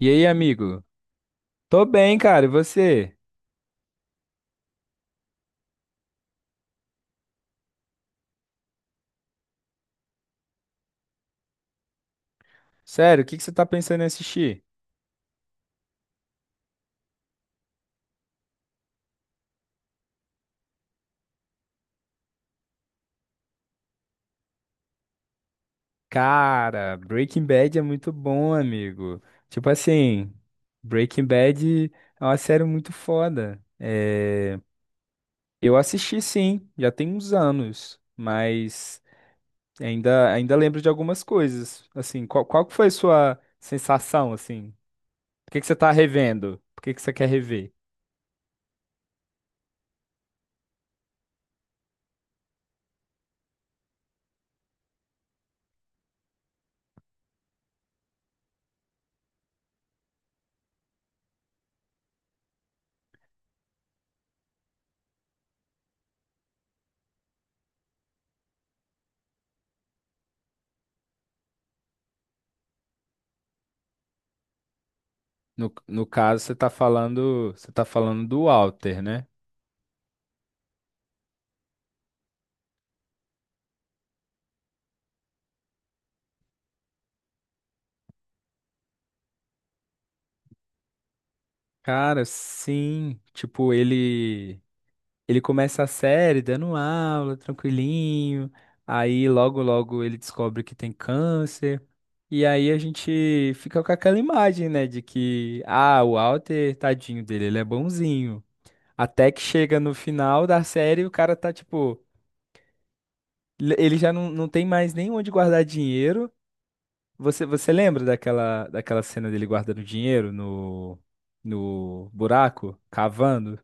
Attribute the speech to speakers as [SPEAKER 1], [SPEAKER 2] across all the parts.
[SPEAKER 1] E aí, amigo? Tô bem, cara. E você? Sério, o que que você tá pensando em assistir? Cara, Breaking Bad é muito bom, amigo. Tipo assim, Breaking Bad é uma série muito foda. Eu assisti sim, já tem uns anos, mas ainda lembro de algumas coisas. Assim, qual que foi a sua sensação, assim? Por que que você tá revendo? Por que que você quer rever? No caso, você tá falando do Walter, né? Cara, sim. Tipo, ele começa a série dando aula, tranquilinho. Aí logo logo ele descobre que tem câncer. E aí a gente fica com aquela imagem, né, de que ah, o Walter, tadinho dele, ele é bonzinho. Até que chega no final da série, o cara tá tipo, ele já não tem mais nem onde guardar dinheiro. Você lembra daquela cena dele guardando dinheiro no buraco, cavando?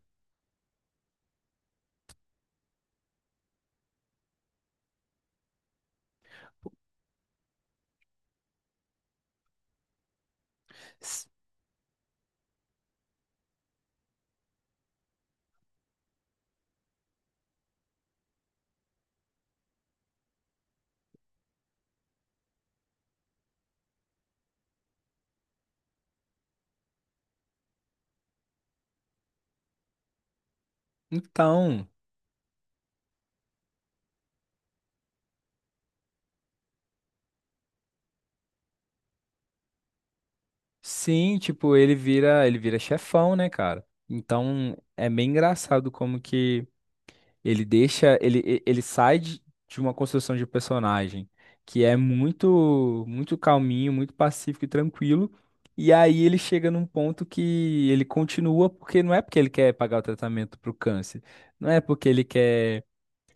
[SPEAKER 1] Então, sim, tipo, ele vira chefão, né, cara? Então, é bem engraçado como que ele deixa, ele, e- ele sai de uma construção de personagem que é muito, muito calminho, muito pacífico e tranquilo, e aí ele chega num ponto que ele continua porque não é porque ele quer pagar o tratamento pro câncer, não é porque ele quer,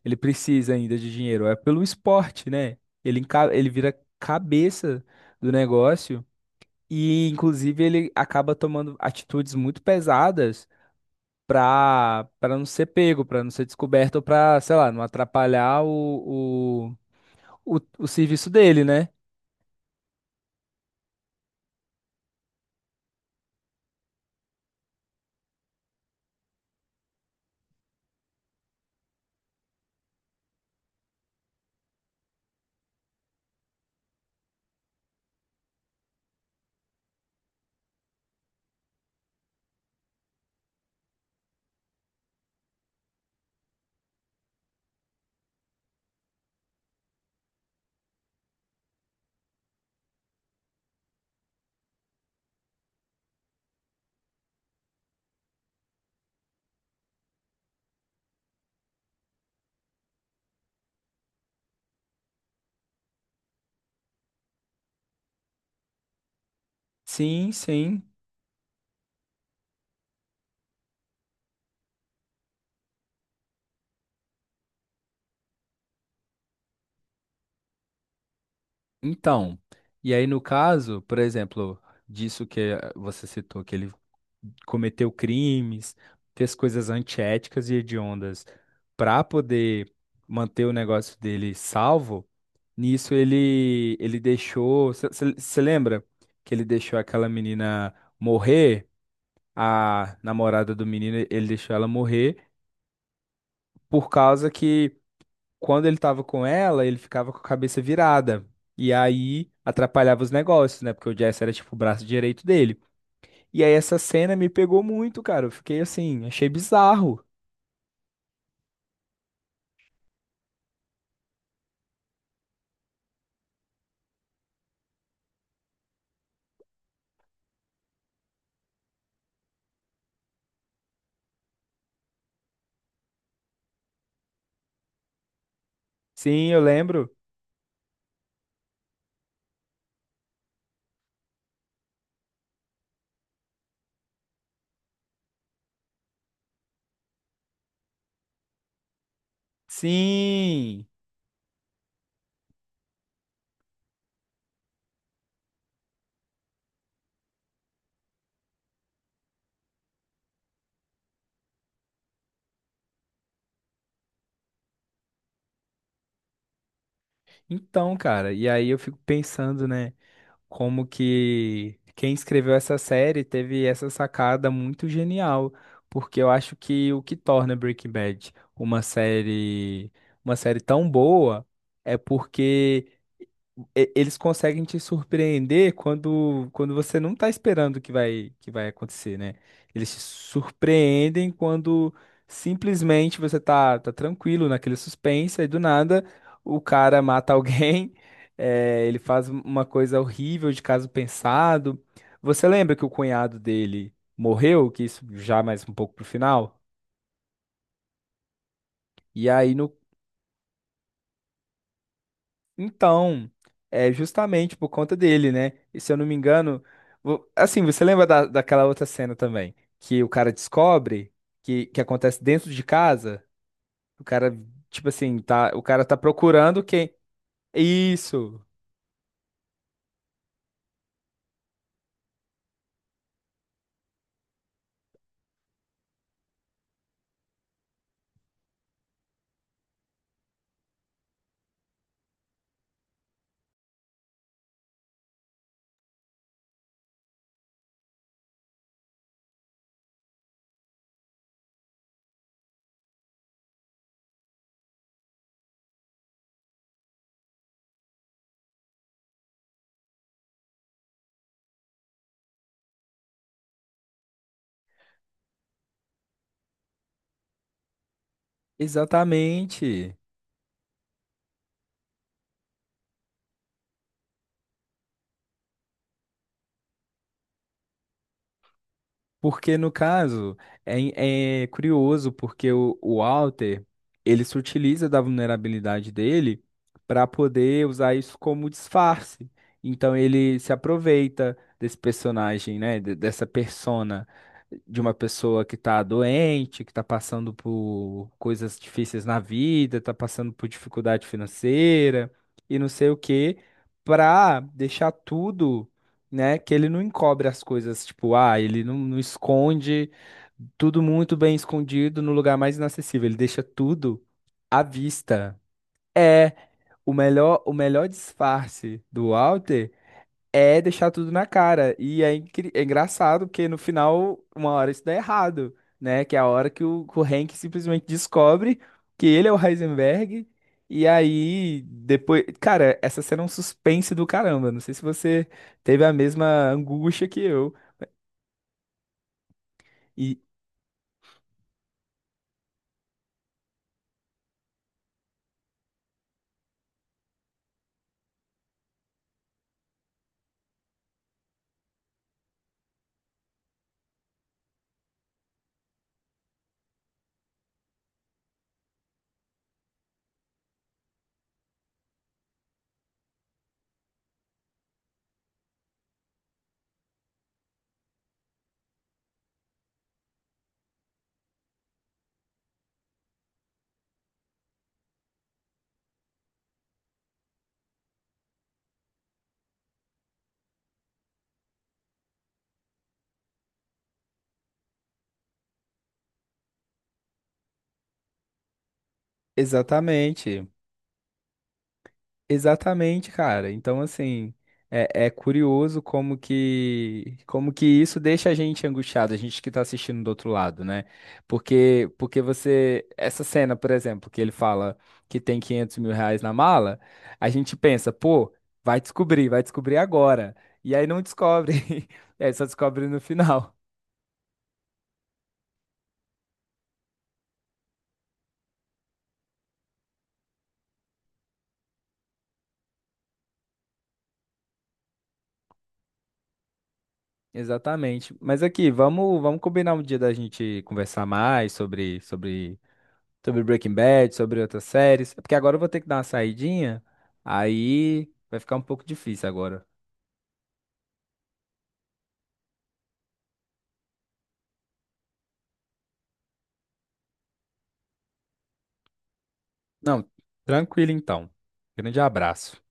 [SPEAKER 1] ele precisa ainda de dinheiro, é pelo esporte, né? Ele vira cabeça do negócio. E, inclusive, ele acaba tomando atitudes muito pesadas para não ser pego, para não ser descoberto, ou para, sei lá, não atrapalhar o serviço dele, né? Sim, sim. Então, e aí no caso, por exemplo, disso que você citou, que ele cometeu crimes, fez coisas antiéticas e hediondas para poder manter o negócio dele salvo, nisso ele deixou, você lembra que ele deixou aquela menina morrer, a namorada do menino, ele deixou ela morrer por causa que quando ele tava com ela, ele ficava com a cabeça virada. E aí atrapalhava os negócios, né? Porque o Jesse era tipo o braço direito dele. E aí essa cena me pegou muito, cara. Eu fiquei assim, achei bizarro. Sim, eu lembro. Sim. Então, cara, e aí eu fico pensando, né, como que quem escreveu essa série teve essa sacada muito genial, porque eu acho que o que torna Breaking Bad uma série tão boa é porque eles conseguem te surpreender quando você não tá esperando que vai acontecer, né? Eles te surpreendem quando simplesmente você tá, tá tranquilo naquele suspense, aí do nada o cara mata alguém, ele faz uma coisa horrível de caso pensado. Você lembra que o cunhado dele morreu? Que isso já mais um pouco pro final? E aí no Então, é justamente por conta dele, né? E se eu não me engano, assim, você lembra da, daquela outra cena também, que o cara descobre que acontece dentro de casa? O cara, tipo assim, tá, o cara tá procurando quem. Isso, exatamente. Porque no caso, é, é curioso porque o Walter, ele se utiliza da vulnerabilidade dele para poder usar isso como disfarce. Então ele se aproveita desse personagem, né, dessa persona de uma pessoa que está doente, que está passando por coisas difíceis na vida, está passando por dificuldade financeira e não sei o quê, para deixar tudo né? Que ele não encobre as coisas, tipo, ah, ele não, não esconde tudo muito bem escondido no lugar mais inacessível, ele deixa tudo à vista. É o melhor disfarce do Walter. É deixar tudo na cara. E é, é engraçado, porque no final, uma hora isso dá errado, né? Que é a hora que que o Hank simplesmente descobre que ele é o Heisenberg. E aí, depois. Cara, essa cena é um suspense do caramba. Não sei se você teve a mesma angústia que eu. E exatamente. Exatamente, cara. Então, assim, é, é curioso como que isso deixa a gente angustiado, a gente que tá assistindo do outro lado, né? Porque você essa cena, por exemplo, que ele fala que tem R$ 500 mil na mala, a gente pensa, pô, vai descobrir agora. E aí não descobre, é só descobre no final. Exatamente. Mas aqui, vamos combinar um dia da gente conversar mais sobre Breaking Bad, sobre outras séries. É porque agora eu vou ter que dar uma saidinha. Aí vai ficar um pouco difícil agora. Não, tranquilo então. Grande abraço.